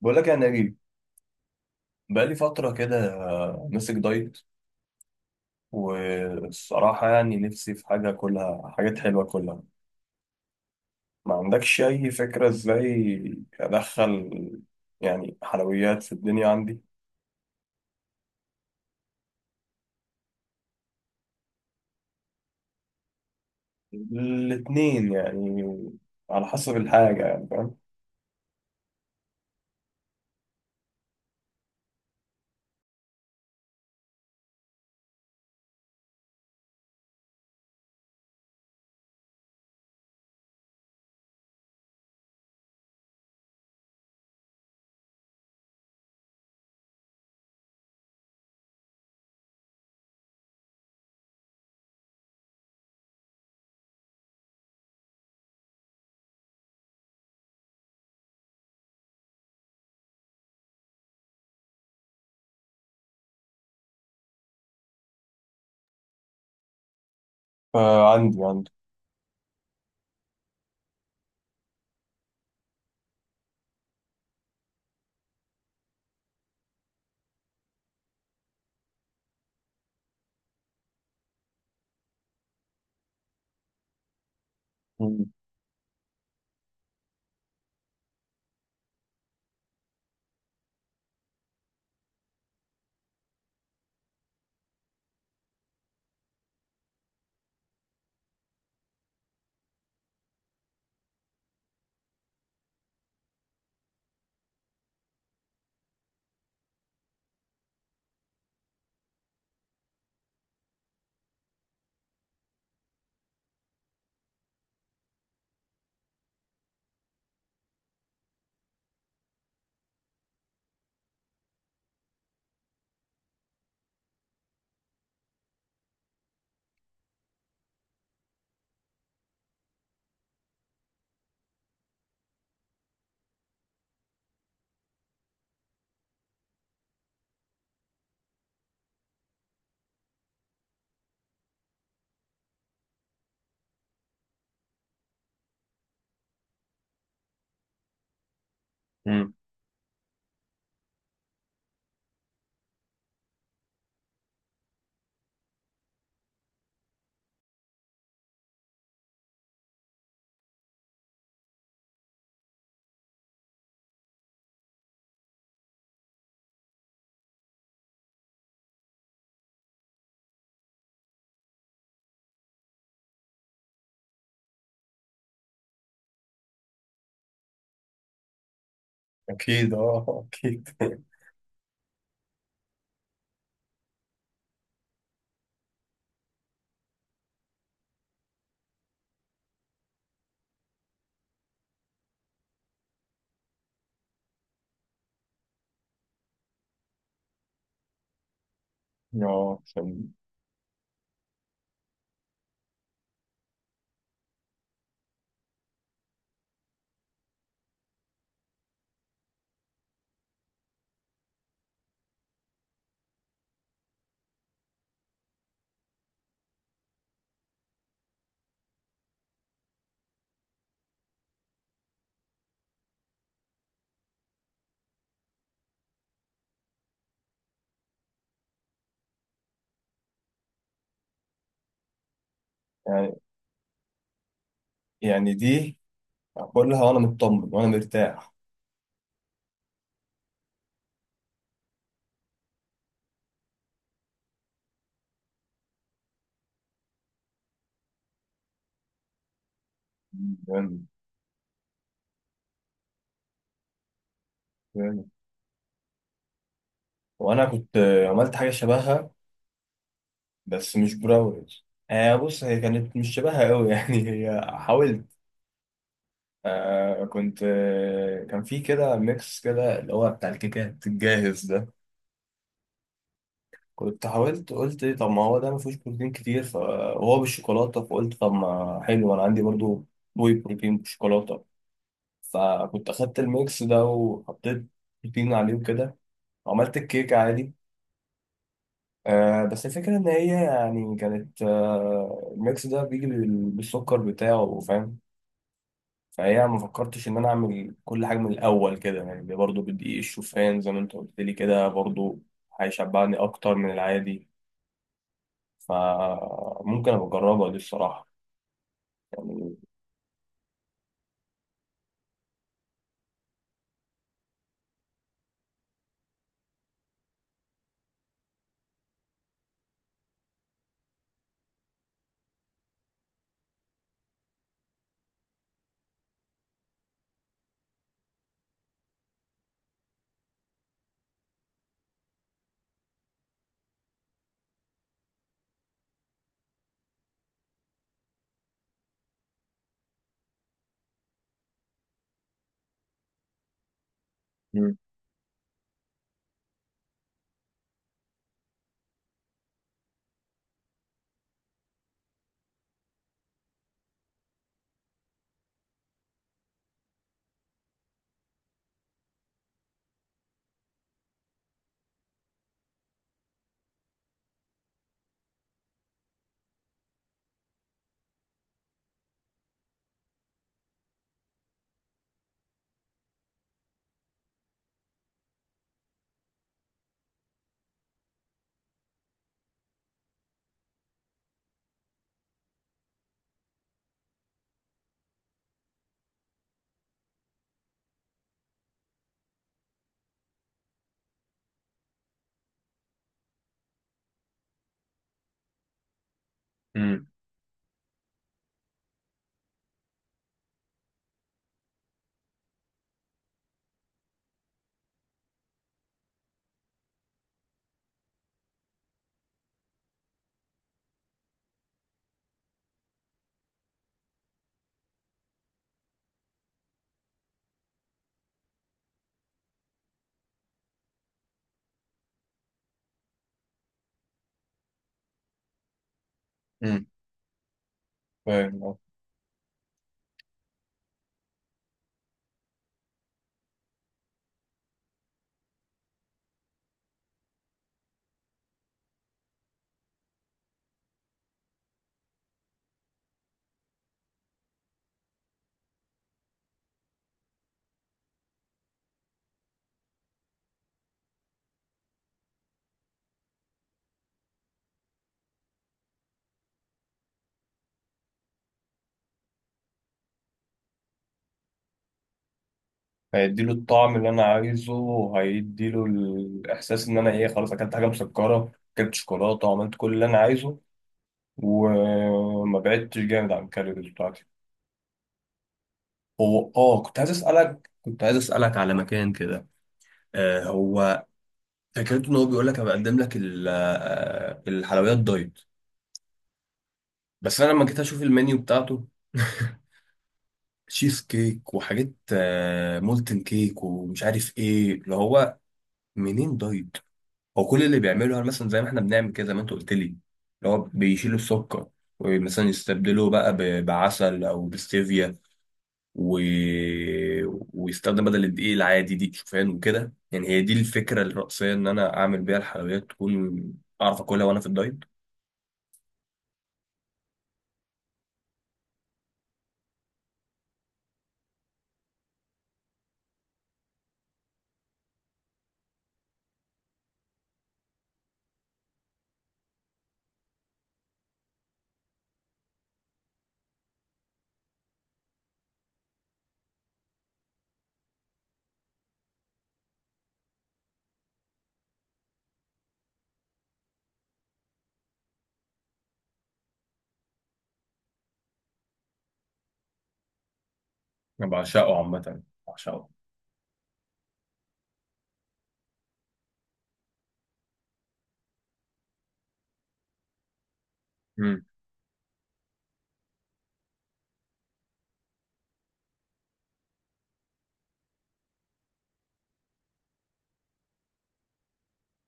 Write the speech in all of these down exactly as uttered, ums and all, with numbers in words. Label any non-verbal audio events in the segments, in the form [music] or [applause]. بقول لك يا نبيل، بقالي فترة كده آه، ماسك دايت. والصراحة يعني نفسي في حاجة، كلها حاجات حلوة كلها. ما عندكش أي فكرة إزاي أدخل يعني حلويات في الدنيا عندي. الاتنين يعني، على حسب الحاجة يعني. فاهم؟ فعندي عندي. مم. مم. أكيد أه أكيد [laughs] أه عشان. يعني يعني دي أقولها وأنا مطمن وأنا مرتاح. مم. وانا كنت آه، عملت حاجه شبهها، بس مش براوز. آه بص، هي كانت مش شبهها قوي [laughs] يعني هي حاولت. آه كنت آه، كان في كده ميكس كده، اللي هو بتاع الكيكات الجاهز ده. كنت حاولت قلت إيه، طب ما هو ده ما فيهوش بروتين كتير، ف- وهو بالشوكولاته، فقلت طب ما حلو، انا عندي برضو واي بروتين بالشوكولاته. فكنت اخدت الميكس ده وحطيت بروتين عليه وكده، وعملت الكيكه عادي. آه بس الفكرة إن هي يعني كانت آه، الميكس ده بيجي بال- بالسكر بتاعه. فاهم؟ فهي ما فكرتش إن أنا أعمل كل حاجة من الأول كده يعني، برضه بدقيق الشوفان زي ما أنت قلت لي كده برضه، هيشبعني أكتر من العادي. فممكن أبقى أجربها دي الصراحة. مم. مم. مم. فاهم آه. هيديله الطعم اللي أنا عايزه، وهيديله الإحساس إن أنا إيه، خلاص أكلت حاجة مسكرة، أكلت شوكولاتة وعملت كل اللي أنا عايزه، وما بعدتش جامد عن الكالوريز بتاعتي. هو اه، كنت عايز اسالك، كنت عايز اسالك على مكان كده. آه هو فكرته ان هو بيقول لك انا بقدم لك ال- آه، الحلويات دايت. بس انا لما جيت اشوف المنيو بتاعته [laughs] تشيز كيك وحاجات، آه، مولتن كيك ومش عارف ايه اللي هو، منين دايت؟ هو كل اللي بيعمله، هل مثلا زي ما احنا بنعمل كده زي ما انت قلت لي، اللي هو بيشيلوا السكر ومثلا يستبدلوه بقى ب- بعسل او بستevia و... ويستخدم بدل الدقيق العادي دقيق شوفان وكده. يعني هي دي الفكرة الرئيسية، إن أنا أعمل بيها الحلويات تكون أعرف أكلها وأنا في الدايت. أنا بعشقه عامة، بعشقه. امم.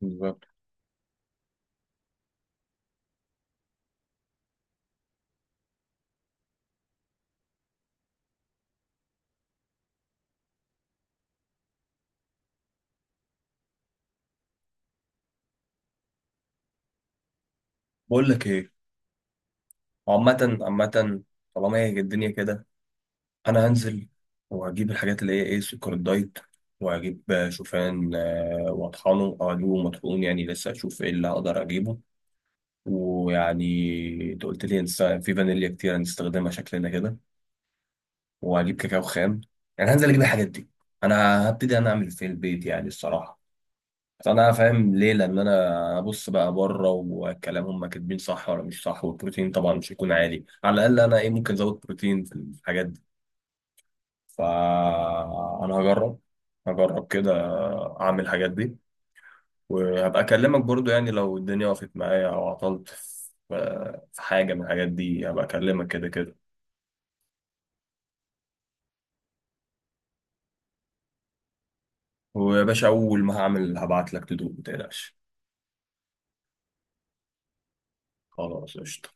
بالظبط. بقول لك إيه، عامة عامة، طالما هي الدنيا كده، أنا هنزل وهجيب الحاجات اللي هي إيه، سكر الدايت، وهجيب شوفان، آه، وأطحنه أو أجيبه مطحون، يعني لسه أشوف إيه اللي هقدر أجيبه. ويعني أنت قلت لي هنست- في فانيليا كتير هنستخدمها شكلنا كده، واجيب كاكاو خام. يعني هنزل اجيب الحاجات دي، انا هبتدي انا اعمل في البيت يعني الصراحه. بس انا فاهم ليه، لان انا ابص بقى بره والكلام هم كاتبين صح ولا مش صح، والبروتين طبعا مش هيكون عالي، على الاقل انا ايه، ممكن ازود بروتين في الحاجات دي. فانا هجرب، هجرب كده، اعمل الحاجات دي. وهبقى اكلمك برضو يعني، لو الدنيا وقفت معايا او عطلت في في حاجه من الحاجات دي، هبقى اكلمك كده كده. ويا باشا اول ما هعمل هبعت لك تدوق متقلقش. خلاص قشطة.